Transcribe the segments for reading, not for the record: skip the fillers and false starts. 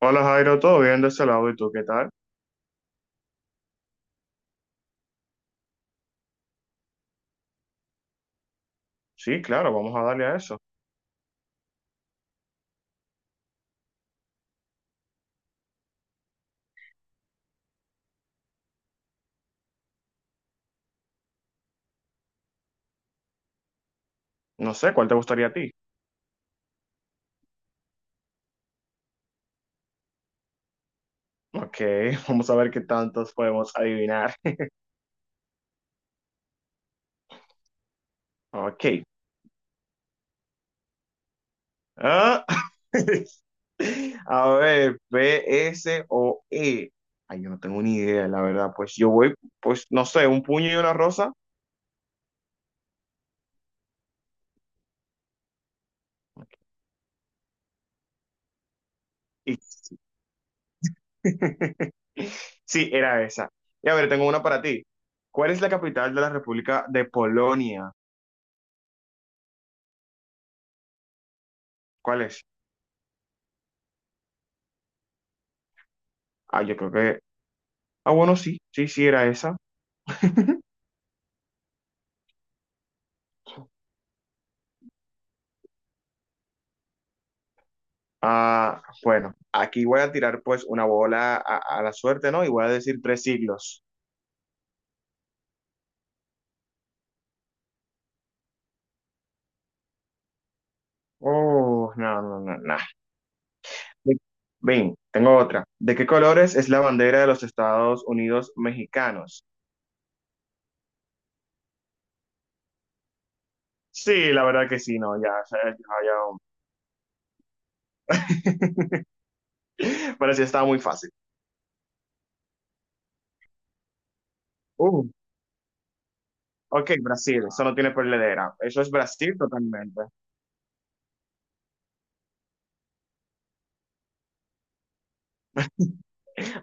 Hola Jairo, ¿todo bien de ese lado? ¿Y tú qué tal? Sí, claro, vamos a darle a eso. No sé, ¿cuál te gustaría a ti? Ok, vamos a ver qué tantos podemos adivinar. Ok. Ah, a ver, P, S o E. Ay, yo no tengo ni idea, la verdad. Pues yo voy, pues no sé, un puño y una rosa. Y... sí, era esa. Y a ver, tengo una para ti. ¿Cuál es la capital de la República de Polonia? ¿Cuál es? Ah, yo creo que... ah, bueno, sí, sí, sí, era esa. Ah, bueno, aquí voy a tirar pues una bola a la suerte, ¿no? Y voy a decir 3 siglos. Oh, no, no, no, no. De- Ven, tengo otra. ¿De qué colores es la bandera de los Estados Unidos mexicanos? Sí, la verdad que sí, no, ya, ya, ya, ya. Pero sí, estaba muy fácil. Uh, ok, Brasil, eso no tiene perdedera. Eso es Brasil totalmente.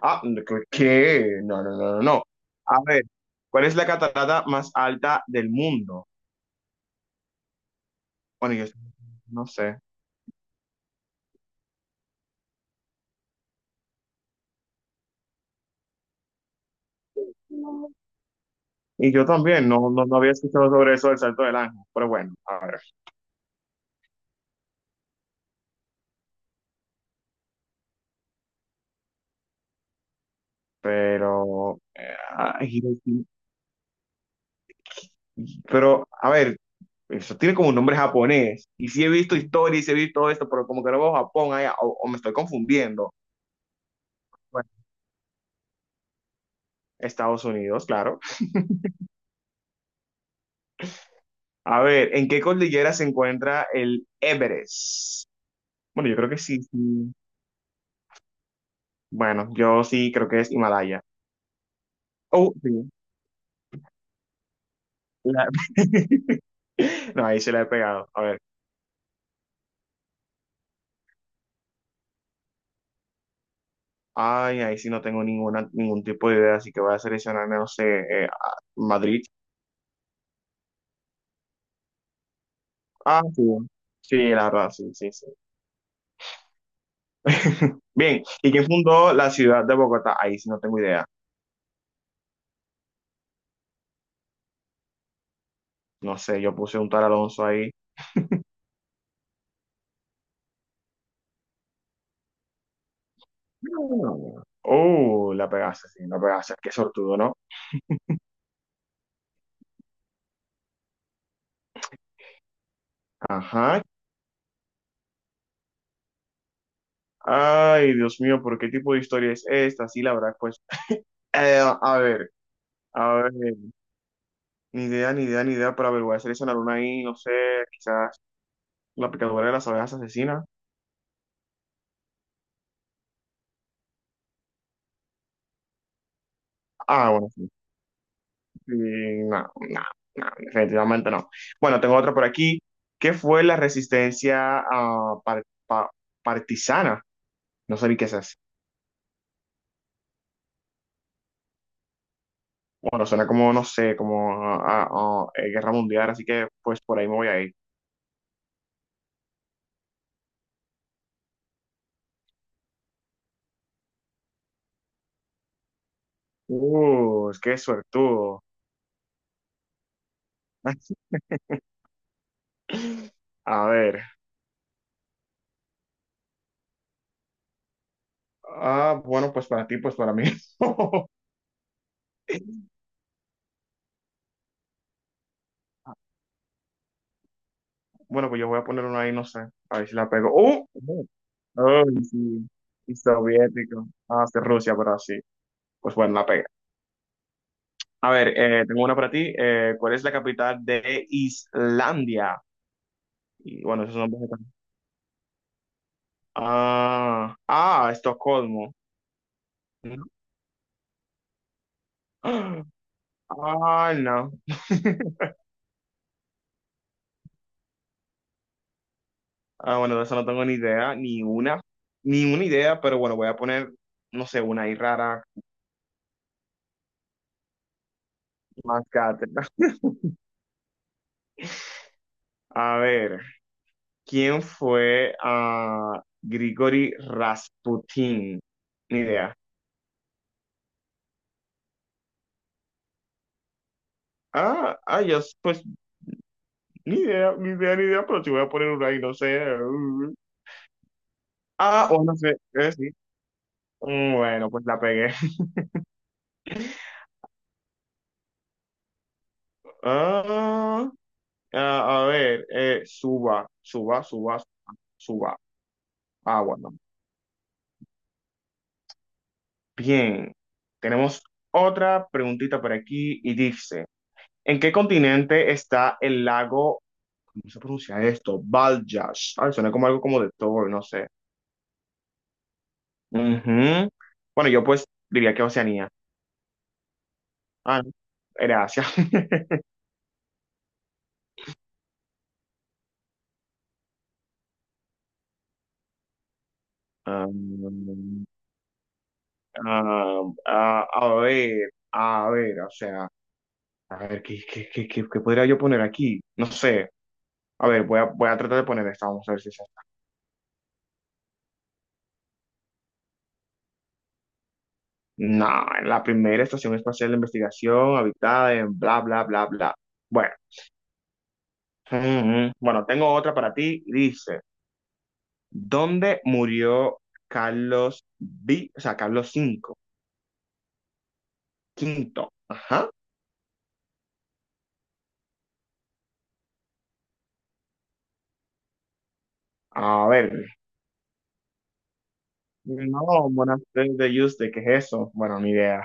Ah, ¿qué? No, no, no, no, no. A ver, ¿cuál es la catarata más alta del mundo? Bueno, yo no sé. Y yo también, no, no, no había escuchado sobre eso del Salto del Ángel, pero bueno, a ver, pero, ay, pero, a ver, eso tiene como un nombre japonés, y sí he visto historia y sí he visto todo esto, pero como que no veo Japón allá, o me estoy confundiendo. Bueno, Estados Unidos, claro. A ver, ¿en qué cordillera se encuentra el Everest? Bueno, yo creo que sí, sí. Bueno, yo sí creo que es Himalaya. Oh, sí. La- No, ahí se la he pegado. A ver. Ay, ahí sí no tengo ninguna, ningún tipo de idea, así que voy a seleccionar, no sé, Madrid. Ah, sí. Sí, la verdad, sí, sí, sí. Bien, ¿y quién fundó la ciudad de Bogotá? Ahí sí no tengo idea. No sé, yo puse un tal Alonso ahí. No. Oh, la pegaste, sí, la pegaste. Qué sortudo, ¿no? Ajá. Ay, Dios mío, ¿por qué tipo de historia es esta? Sí, la verdad, pues... a ver, a ver. Ni idea, ni idea, ni idea, pero a ver, voy a seleccionar una ahí, no sé, quizás la picadura de las abejas asesinas. Ah, bueno, sí, sí, no, no, no, definitivamente no. Bueno, tengo otra por aquí. ¿Qué fue la resistencia partisana? No sé ni qué es eso. Bueno, suena como, no sé, como a guerra mundial, así que pues por ahí me voy a ir. Qué suertudo. A ver. Ah, bueno, pues para ti, pues para mí. Bueno, pues yo voy a poner una ahí, no sé, a ver si la pego. ¡Uh! ¡Oh! ¡Ay, sí! Y soviético. Ah, sí, Rusia, pero sí. Pues bueno, la pega. A ver, tengo una para ti. ¿Cuál es la capital de Islandia? Y bueno, esos son están... ah, ah, Estocolmo. ¿No? Ah, no. Ah, bueno, de eso no tengo ni idea, ni una, ni una idea, pero bueno, voy a poner, no sé, una ahí rara, más cátedra. A ver, ¿quién fue a Grigori Rasputin? Ni idea. Ah, ah, yo, pues... ni idea, ni idea, ni idea, pero si voy a poner una ahí, no sé. Mm. Ah, o no sé, sí. Mm, bueno, pues la pegué. Ah, ah, a ver, suba, suba, suba, suba. Ah, bueno. Bien. Tenemos otra preguntita por aquí y dice, ¿en qué continente está el lago, ¿cómo se pronuncia esto? Baljash. Ay, suena como algo como de Thor, no sé. Ujú. Bueno, yo pues diría que Oceanía. Ah, no, era Asia. Ah, ah, ah, a ver, o sea, a ver, qué podría yo poner aquí? No sé. A ver, voy a tratar de poner esta, vamos a ver si es esta. No, la primera estación espacial de investigación habitada en bla, bla, bla, bla. Bueno, mm, bueno, tengo otra para ti. Dice, ¿dónde murió Carlos V? O sea, Carlos cinco, quinto. Ajá. A ver. No, buenas tardes de Yuste, ¿qué es eso? Bueno, ni idea.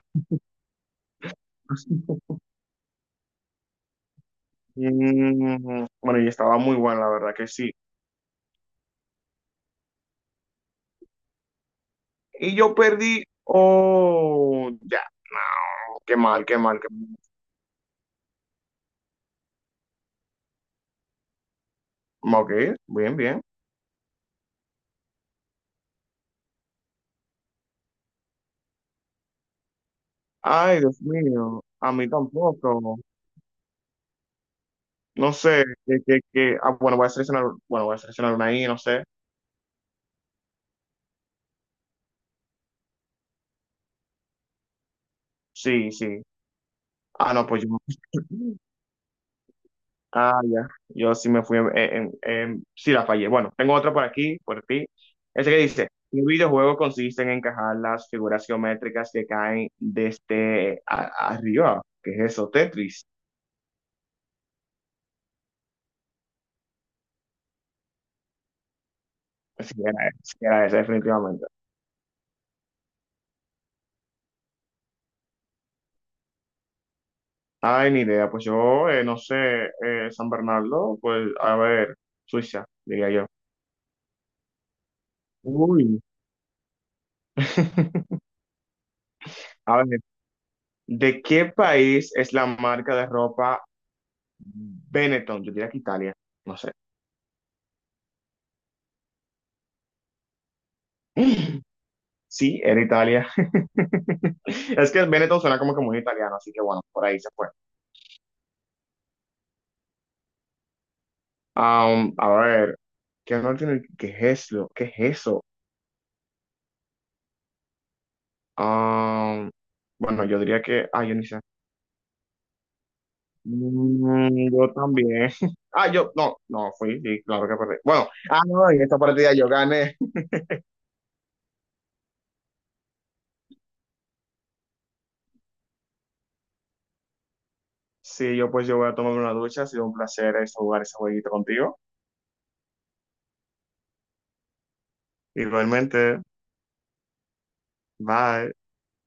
Mm, bueno, y estaba muy buena, la verdad que sí. Y yo perdí. Oh, ya. Qué mal, qué mal, qué mal. Ok, bien, bien. Ay, Dios mío. A mí tampoco. No sé. Ah, bueno, voy a seleccionar. Bueno, voy a seleccionar una ahí, no sé. Sí, sí. Ah, no, pues yo. Ah, ya. Yo sí me fui sí la fallé. Bueno, tengo otra por aquí, por ti. Ese que dice, un videojuego consiste en encajar las figuras geométricas que caen desde arriba. ¿Qué es eso? Tetris. Sí era ese, definitivamente. Ay, ni idea. Pues yo, no sé, San Bernardo, pues a ver, Suiza, diría yo. Uy. A ver, ¿de qué país es la marca de ropa Benetton? Yo diría que Italia, no sé. Sí, era Italia. Es que Benetton suena como que muy italiano, así que bueno, por ahí se fue. A ver, ¿qué no tiene? ¿Qué es eso? ¿Qué es eso? Am, bueno, yo diría que, ah, yo ni sé. Mm, yo también. Ah, yo, no, no, fui, sí, claro que perdí. Bueno, ah, no, en esta partida yo gané. Sí, yo pues yo voy a tomar una ducha, ha sido un placer jugar ese jueguito contigo. Igualmente, bye.